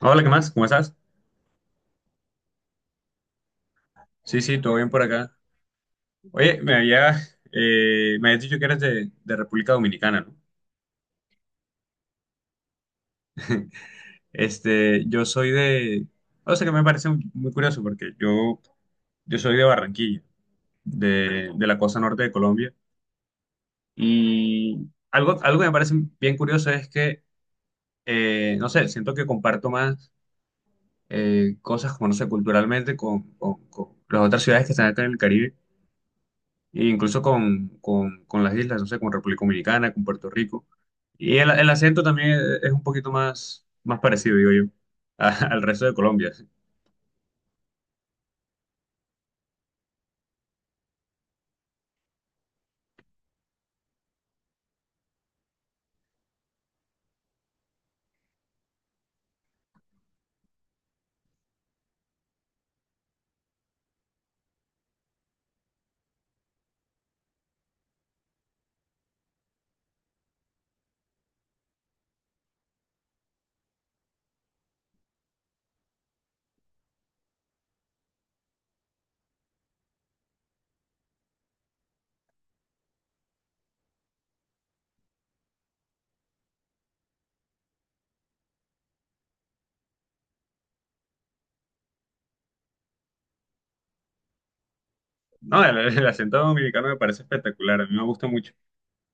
Hola, ¿qué más? ¿Cómo estás? Sí, sí, todo bien por acá. Oye, me habías dicho que eres de República Dominicana, ¿no? Yo soy de, o sea, que me parece muy muy curioso porque yo soy de Barranquilla, de la costa norte de Colombia, y algo que me parece bien curioso es que, no sé, siento que comparto más cosas como, no sé, culturalmente con las otras ciudades que están acá en el Caribe e incluso con las islas, no sé, con República Dominicana, con Puerto Rico. Y el acento también es un poquito más, más parecido, digo yo, al resto de Colombia. No, el acento dominicano me parece espectacular, a mí me gusta mucho.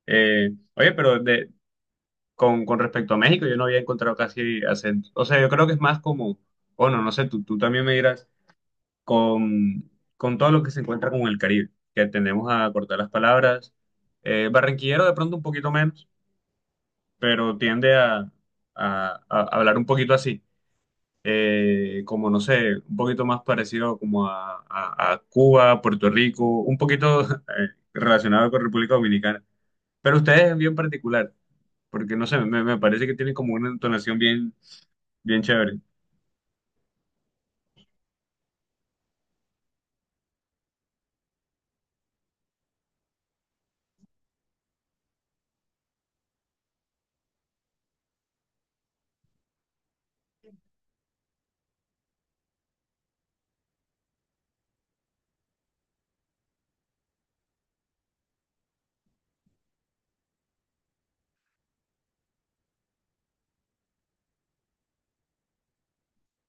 Oye, pero de, con respecto a México, yo no había encontrado casi acento. O sea, yo creo que es más como, bueno, no sé, tú también me dirás, con, con todo lo que se encuentra con el Caribe, que tendemos a cortar las palabras. Barranquillero de pronto un poquito menos, pero tiende a, a hablar un poquito así, como no sé, un poquito más parecido como a, a Cuba, Puerto Rico, un poquito relacionado con República Dominicana. Pero ustedes es bien particular, porque no sé, me parece que tienen como una entonación bien, bien chévere.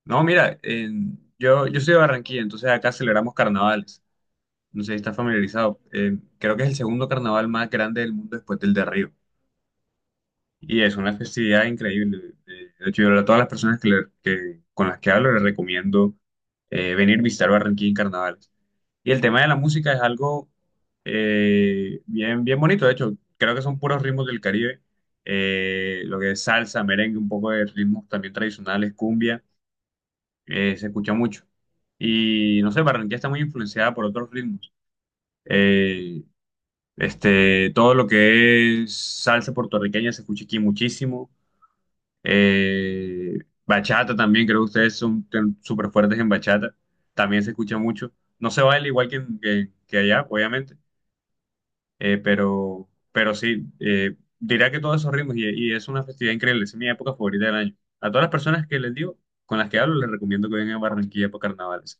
No, mira, yo, yo soy de Barranquilla, entonces acá celebramos carnavales. No sé si estás familiarizado. Creo que es el segundo carnaval más grande del mundo después del de Río. Y es una festividad increíble. De hecho, yo a todas las personas con las que hablo les recomiendo venir a visitar Barranquilla en carnavales. Y el tema de la música es algo bien, bien bonito. De hecho, creo que son puros ritmos del Caribe. Lo que es salsa, merengue, un poco de ritmos también tradicionales, cumbia, se escucha mucho. Y no sé, Barranquilla está muy influenciada por otros ritmos. Eh, Todo lo que es salsa puertorriqueña se escucha aquí muchísimo, eh, bachata también, creo que ustedes son súper fuertes en bachata. También se escucha mucho. No se baila igual que allá, obviamente, pero sí, diría que todos esos ritmos, y es una festividad increíble. Es mi época favorita del año. A todas las personas que les digo, con las que hablo, les recomiendo que vengan a Barranquilla para carnavales.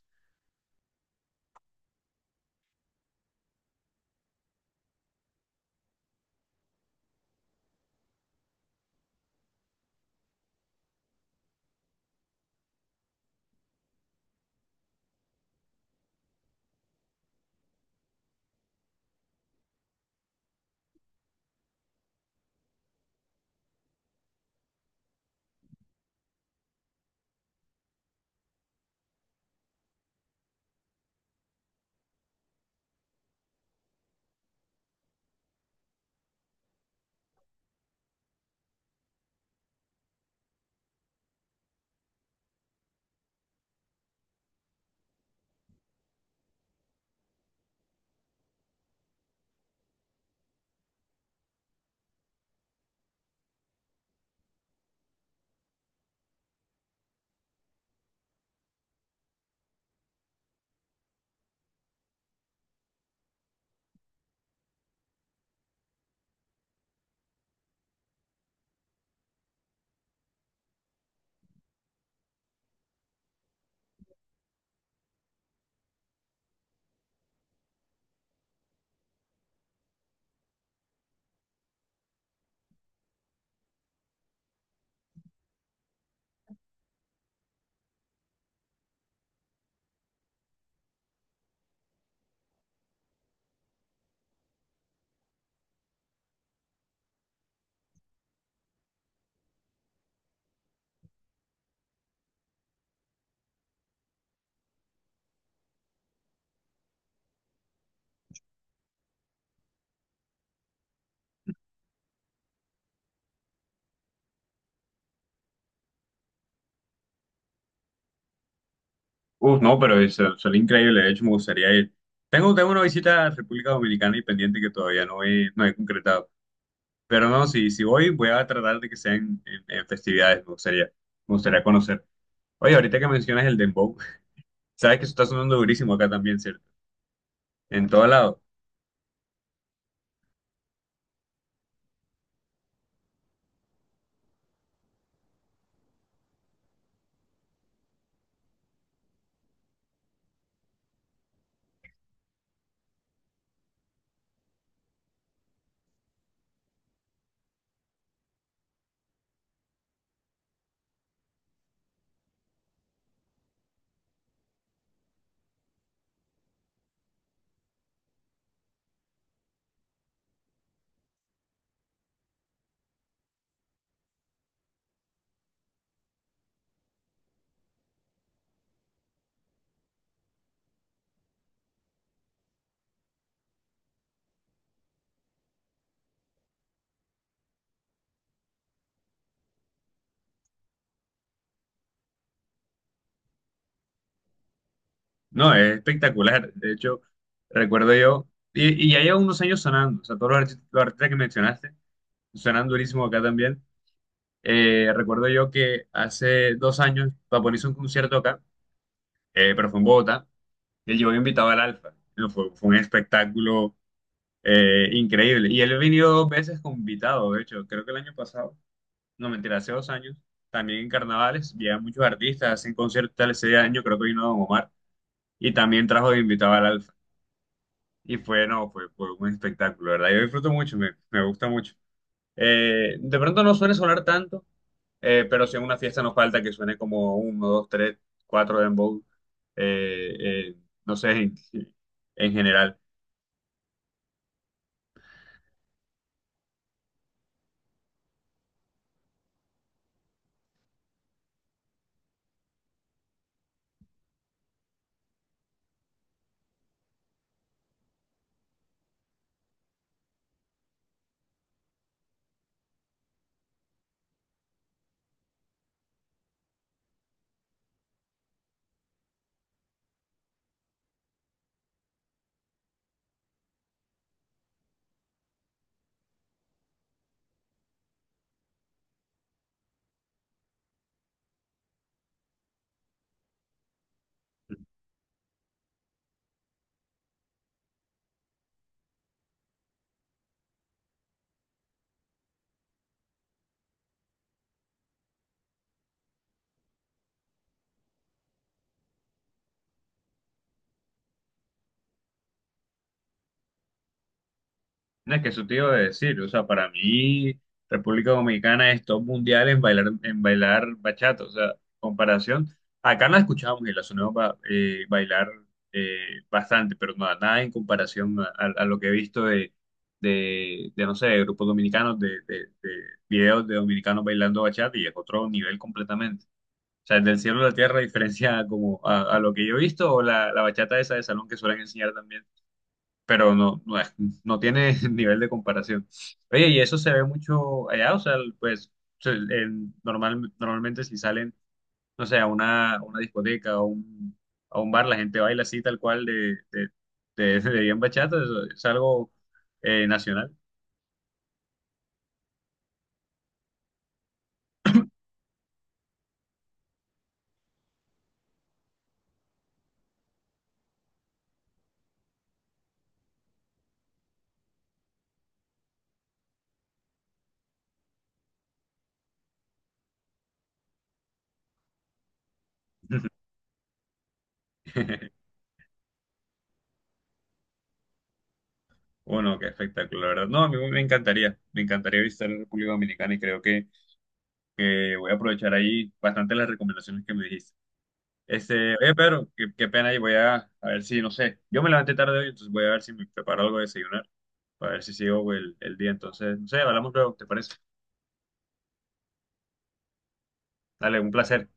Uf, no, pero es, son increíble. De hecho, me gustaría ir. Tengo una visita a República Dominicana y pendiente que todavía no he concretado. Pero no, si voy, voy a tratar de que sean en festividades, me gustaría conocer. Oye, ahorita que mencionas el dembow, sabes que eso está sonando durísimo acá también, ¿cierto? En todo lado. No, es espectacular. De hecho, recuerdo y ya lleva unos años sonando, o sea, todos los artistas que mencionaste suenan durísimo acá también. Recuerdo yo que hace 2 años Bad Bunny hizo un concierto acá, pero fue en Bogotá, y él llevó invitado al Alfa. No, fue, fue un espectáculo increíble. Y él ha venido dos veces como invitado. De hecho, creo que el año pasado, no, mentira, hace 2 años, también en carnavales, llegan muchos artistas, hacen conciertos tal. Ese año, creo que vino Don Omar, y también trajo de invitado al Alfa. Y fue, no, fue, fue un espectáculo, ¿verdad? Yo disfruto mucho, me gusta mucho. De pronto no suele sonar tanto, pero si en una fiesta nos falta que suene como uno, dos, tres, cuatro dembow, eh, eh, no sé, en general. No, es que eso te iba a decir, o sea, para mí República Dominicana es top mundial en bailar bachata, o sea, comparación, acá no la escuchamos y la sonamos bailar eh, bastante, pero nada, nada en comparación a, a lo que he visto de, no sé, de grupos dominicanos, de videos de dominicanos bailando bachata, y es otro nivel completamente. O sea, del cielo a la tierra diferencia como a lo que yo he visto, o la bachata esa de salón que suelen enseñar también, pero no, no, no tiene nivel de comparación. Oye, y eso se ve mucho allá, o sea, pues normal, normalmente si salen, no sé, a a una discoteca o a un bar, la gente baila así tal cual de bien bachata, es algo nacional. Bueno, qué espectáculo, la verdad. No, a mí me encantaría visitar la República Dominicana, y creo que voy a aprovechar ahí bastante las recomendaciones que me dijiste. Este, oye, Pedro, qué, qué pena, y voy a ver si, no sé, yo me levanté tarde hoy, entonces voy a ver si me preparo algo de desayunar, para ver si sigo el día. Entonces, no sé, hablamos luego, ¿te parece? Dale, un placer.